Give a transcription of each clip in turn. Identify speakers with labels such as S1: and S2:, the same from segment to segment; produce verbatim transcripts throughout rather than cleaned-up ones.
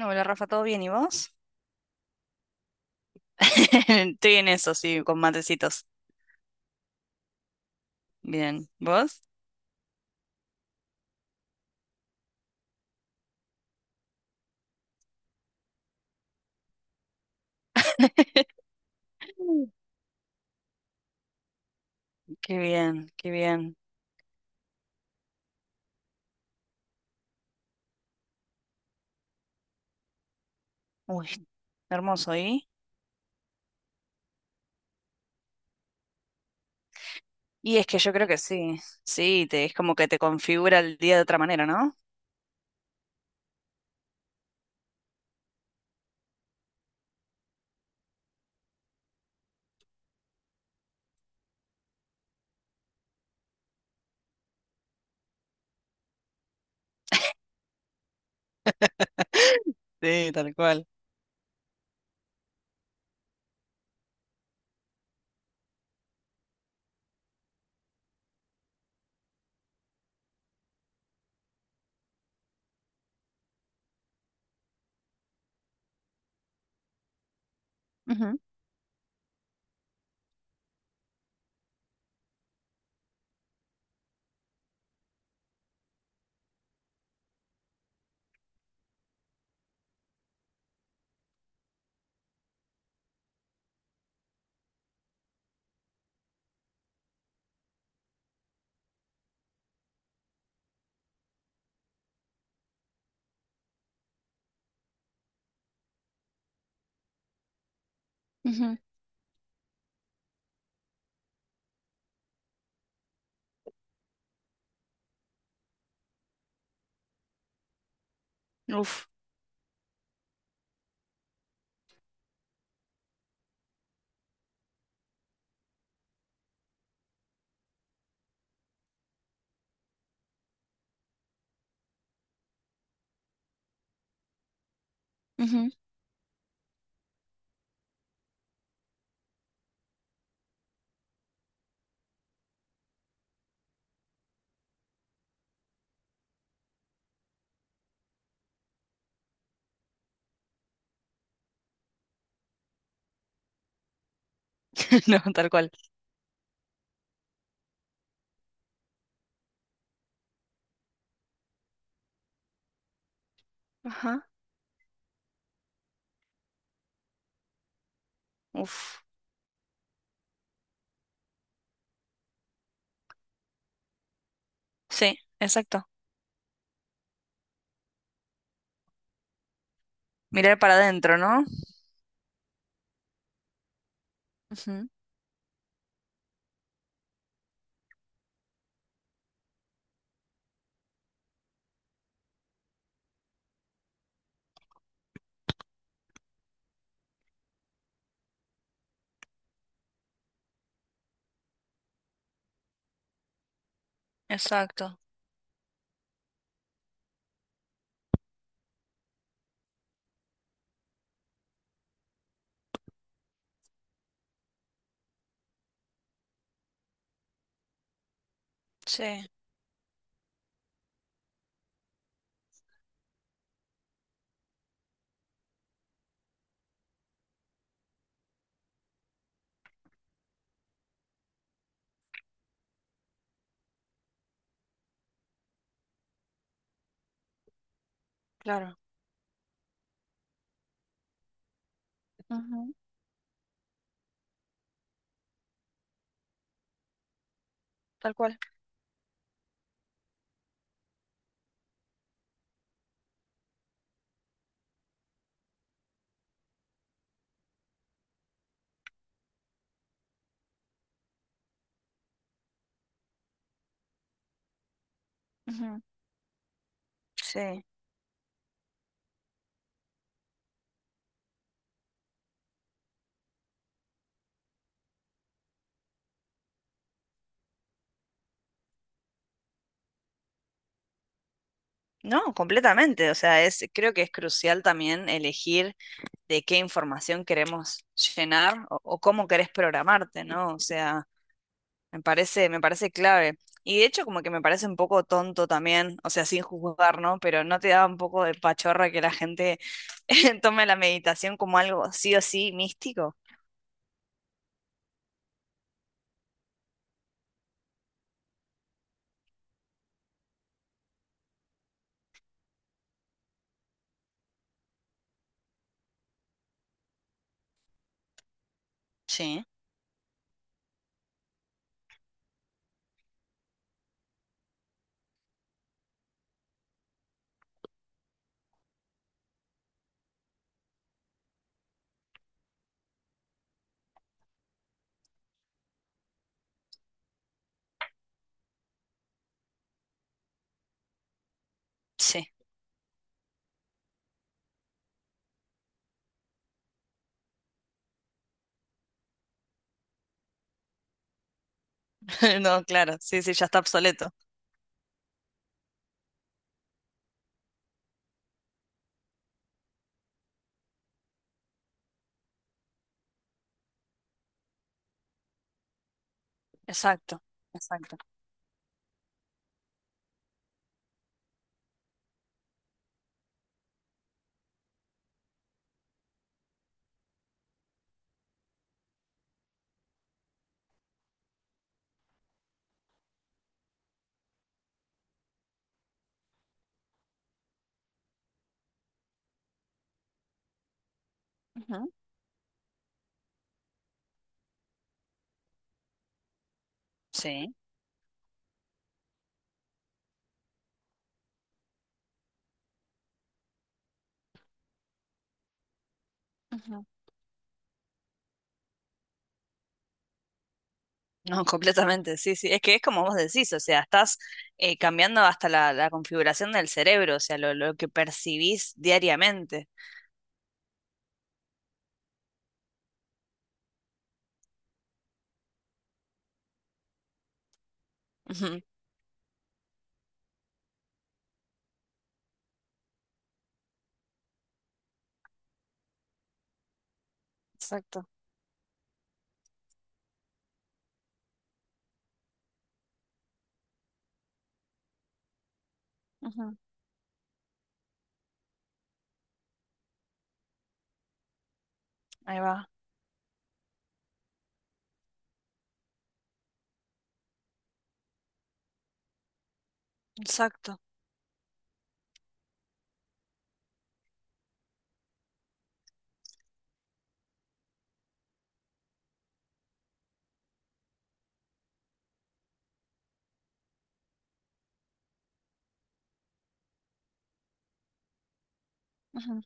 S1: Hola Rafa, ¿todo bien? ¿Y vos? Estoy en eso, sí, con matecitos. Bien. ¿Vos? Qué bien, qué bien. Uy, hermoso, ¿y? Y es que yo creo que sí, sí, te, es como que te configura el día de otra manera, ¿no? Sí, tal cual. Ujú, ujú, uf. Ujú. No, tal cual. Ajá. Uf. Sí, exacto. Mirar para adentro, ¿no? Ujú, exacto. Sí, claro. Ujú, tal cual. Ujú, sí. No, completamente. O sea, es, creo que es crucial también elegir de qué información queremos llenar o, o cómo querés programarte, ¿no? O sea, me parece, me parece clave. Y de hecho, como que me parece un poco tonto también, o sea, sin juzgar, ¿no? Pero ¿no te da un poco de pachorra que la gente tome la meditación como algo sí o sí místico? Sí, sí. No, claro, sí, sí, ya está obsoleto. Exacto, exacto. Ujú, sí. No, completamente, sí, sí. Es que es como vos decís, o sea, estás eh, cambiando hasta la, la configuración del cerebro, o sea, lo, lo que percibís diariamente. Ujú, exacto. Ujú, ahí va. Exacto. Ujú,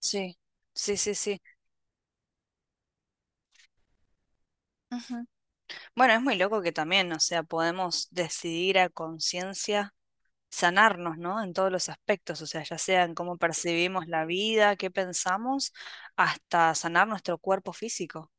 S1: sí, sí, sí, sí. Ujú. Bueno, es muy loco que también, o sea, podemos decidir a conciencia sanarnos, ¿no? En todos los aspectos, o sea, ya sea en cómo percibimos la vida, qué pensamos, hasta sanar nuestro cuerpo físico.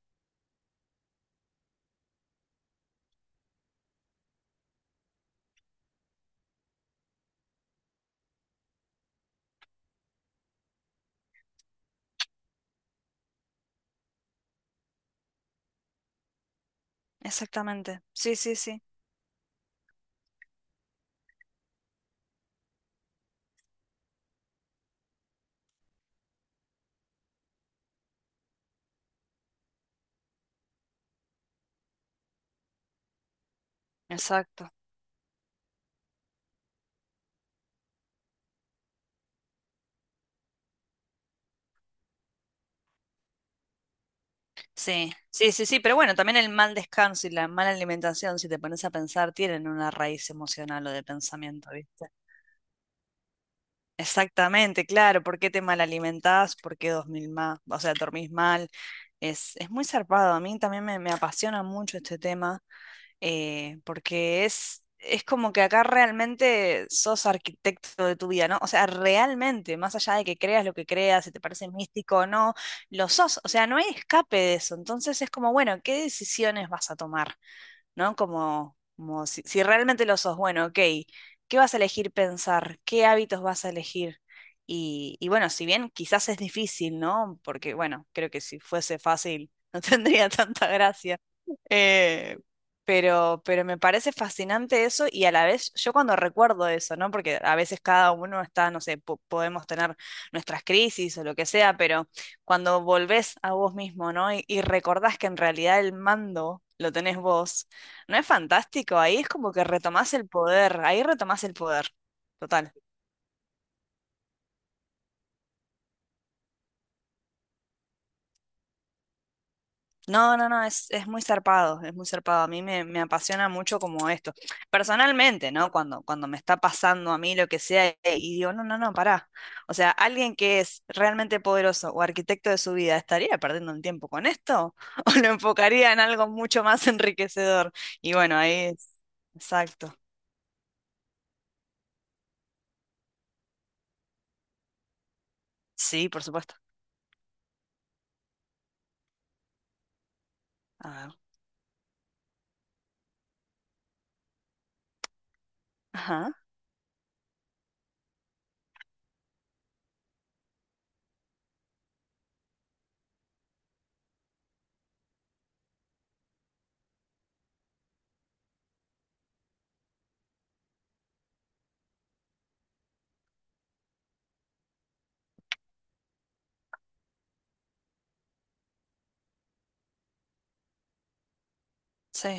S1: Exactamente. Sí, sí, sí. Exacto. Sí, sí, sí, sí, pero bueno, también el mal descanso y la mala alimentación, si te pones a pensar, tienen una raíz emocional o de pensamiento, ¿viste? Exactamente, claro, ¿por qué te mal alimentás? ¿Por qué dormís más? O sea, dormís mal. Es, es muy zarpado, a mí también me, me apasiona mucho este tema, eh, porque es, es como que acá realmente sos arquitecto de tu vida, ¿no? O sea, realmente, más allá de que creas lo que creas, si te parece místico o no, lo sos, o sea, no hay escape de eso, entonces es como, bueno, ¿qué decisiones vas a tomar? ¿No? Como, como si, si realmente lo sos, bueno, ok, ¿qué vas a elegir pensar? ¿Qué hábitos vas a elegir? Y, y bueno, si bien quizás es difícil, ¿no? Porque bueno, creo que si fuese fácil no tendría tanta gracia. Eh, pero, pero me parece fascinante eso y a la vez yo cuando recuerdo eso, ¿no? Porque a veces cada uno está, no sé, po- podemos tener nuestras crisis o lo que sea, pero cuando volvés a vos mismo, ¿no? Y, y recordás que en realidad el mando lo tenés vos. ¿No es fantástico? Ahí es como que retomás el poder, ahí retomás el poder, total. No, no, no, es, es muy zarpado, es muy zarpado. A mí me, me apasiona mucho como esto. Personalmente, ¿no? Cuando, cuando me está pasando a mí lo que sea, eh, y digo, no, no, no, pará. O sea, alguien que es realmente poderoso o arquitecto de su vida, ¿estaría perdiendo un tiempo con esto? ¿O lo enfocaría en algo mucho más enriquecedor? Y bueno, ahí es. Exacto. Sí, por supuesto. A ver. Ajá. Sí,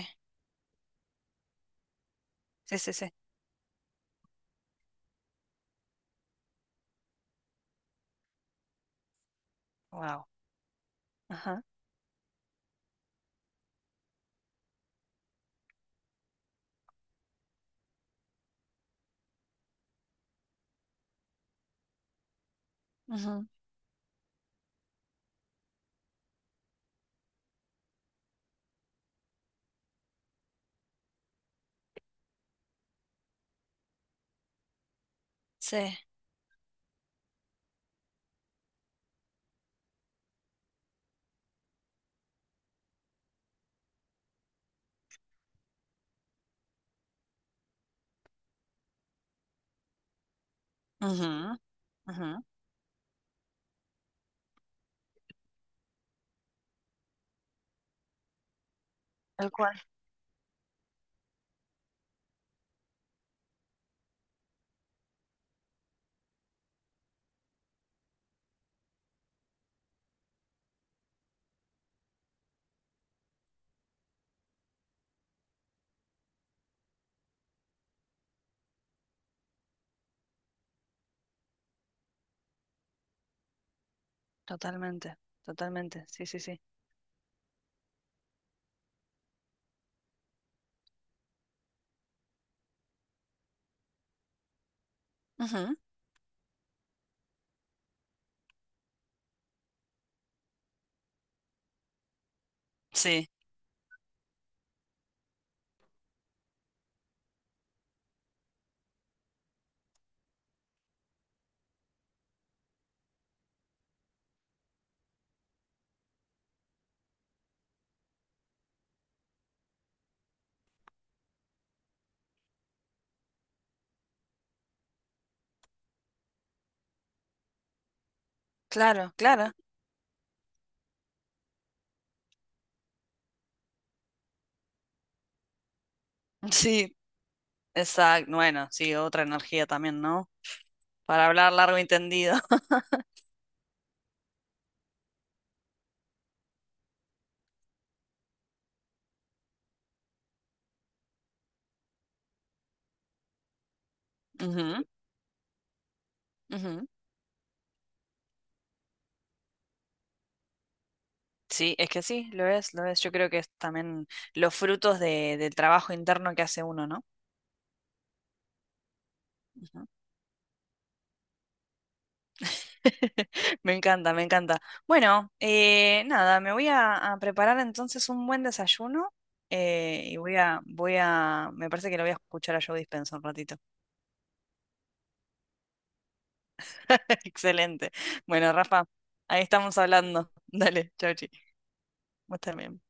S1: sí, sí, sí. Wow. Ujú, sí. Ujú, ujú, tal cual. Totalmente, totalmente. Sí, sí, sí. Ujú, sí, claro, claro. Sí, exacto. Bueno, sí, otra energía también, ¿no? Para hablar largo y tendido. Ujú, ujú. Sí, es que sí, lo es, lo es. Yo creo que es también los frutos de, del trabajo interno que hace uno, ¿no? Me encanta, me encanta. Bueno, eh, nada, me voy a, a preparar entonces un buen desayuno, eh, y voy a, voy a, me parece que lo voy a escuchar a Joe Dispenza un ratito. Excelente. Bueno, Rafa, ahí estamos hablando. Dale, chau, chi. Vos también.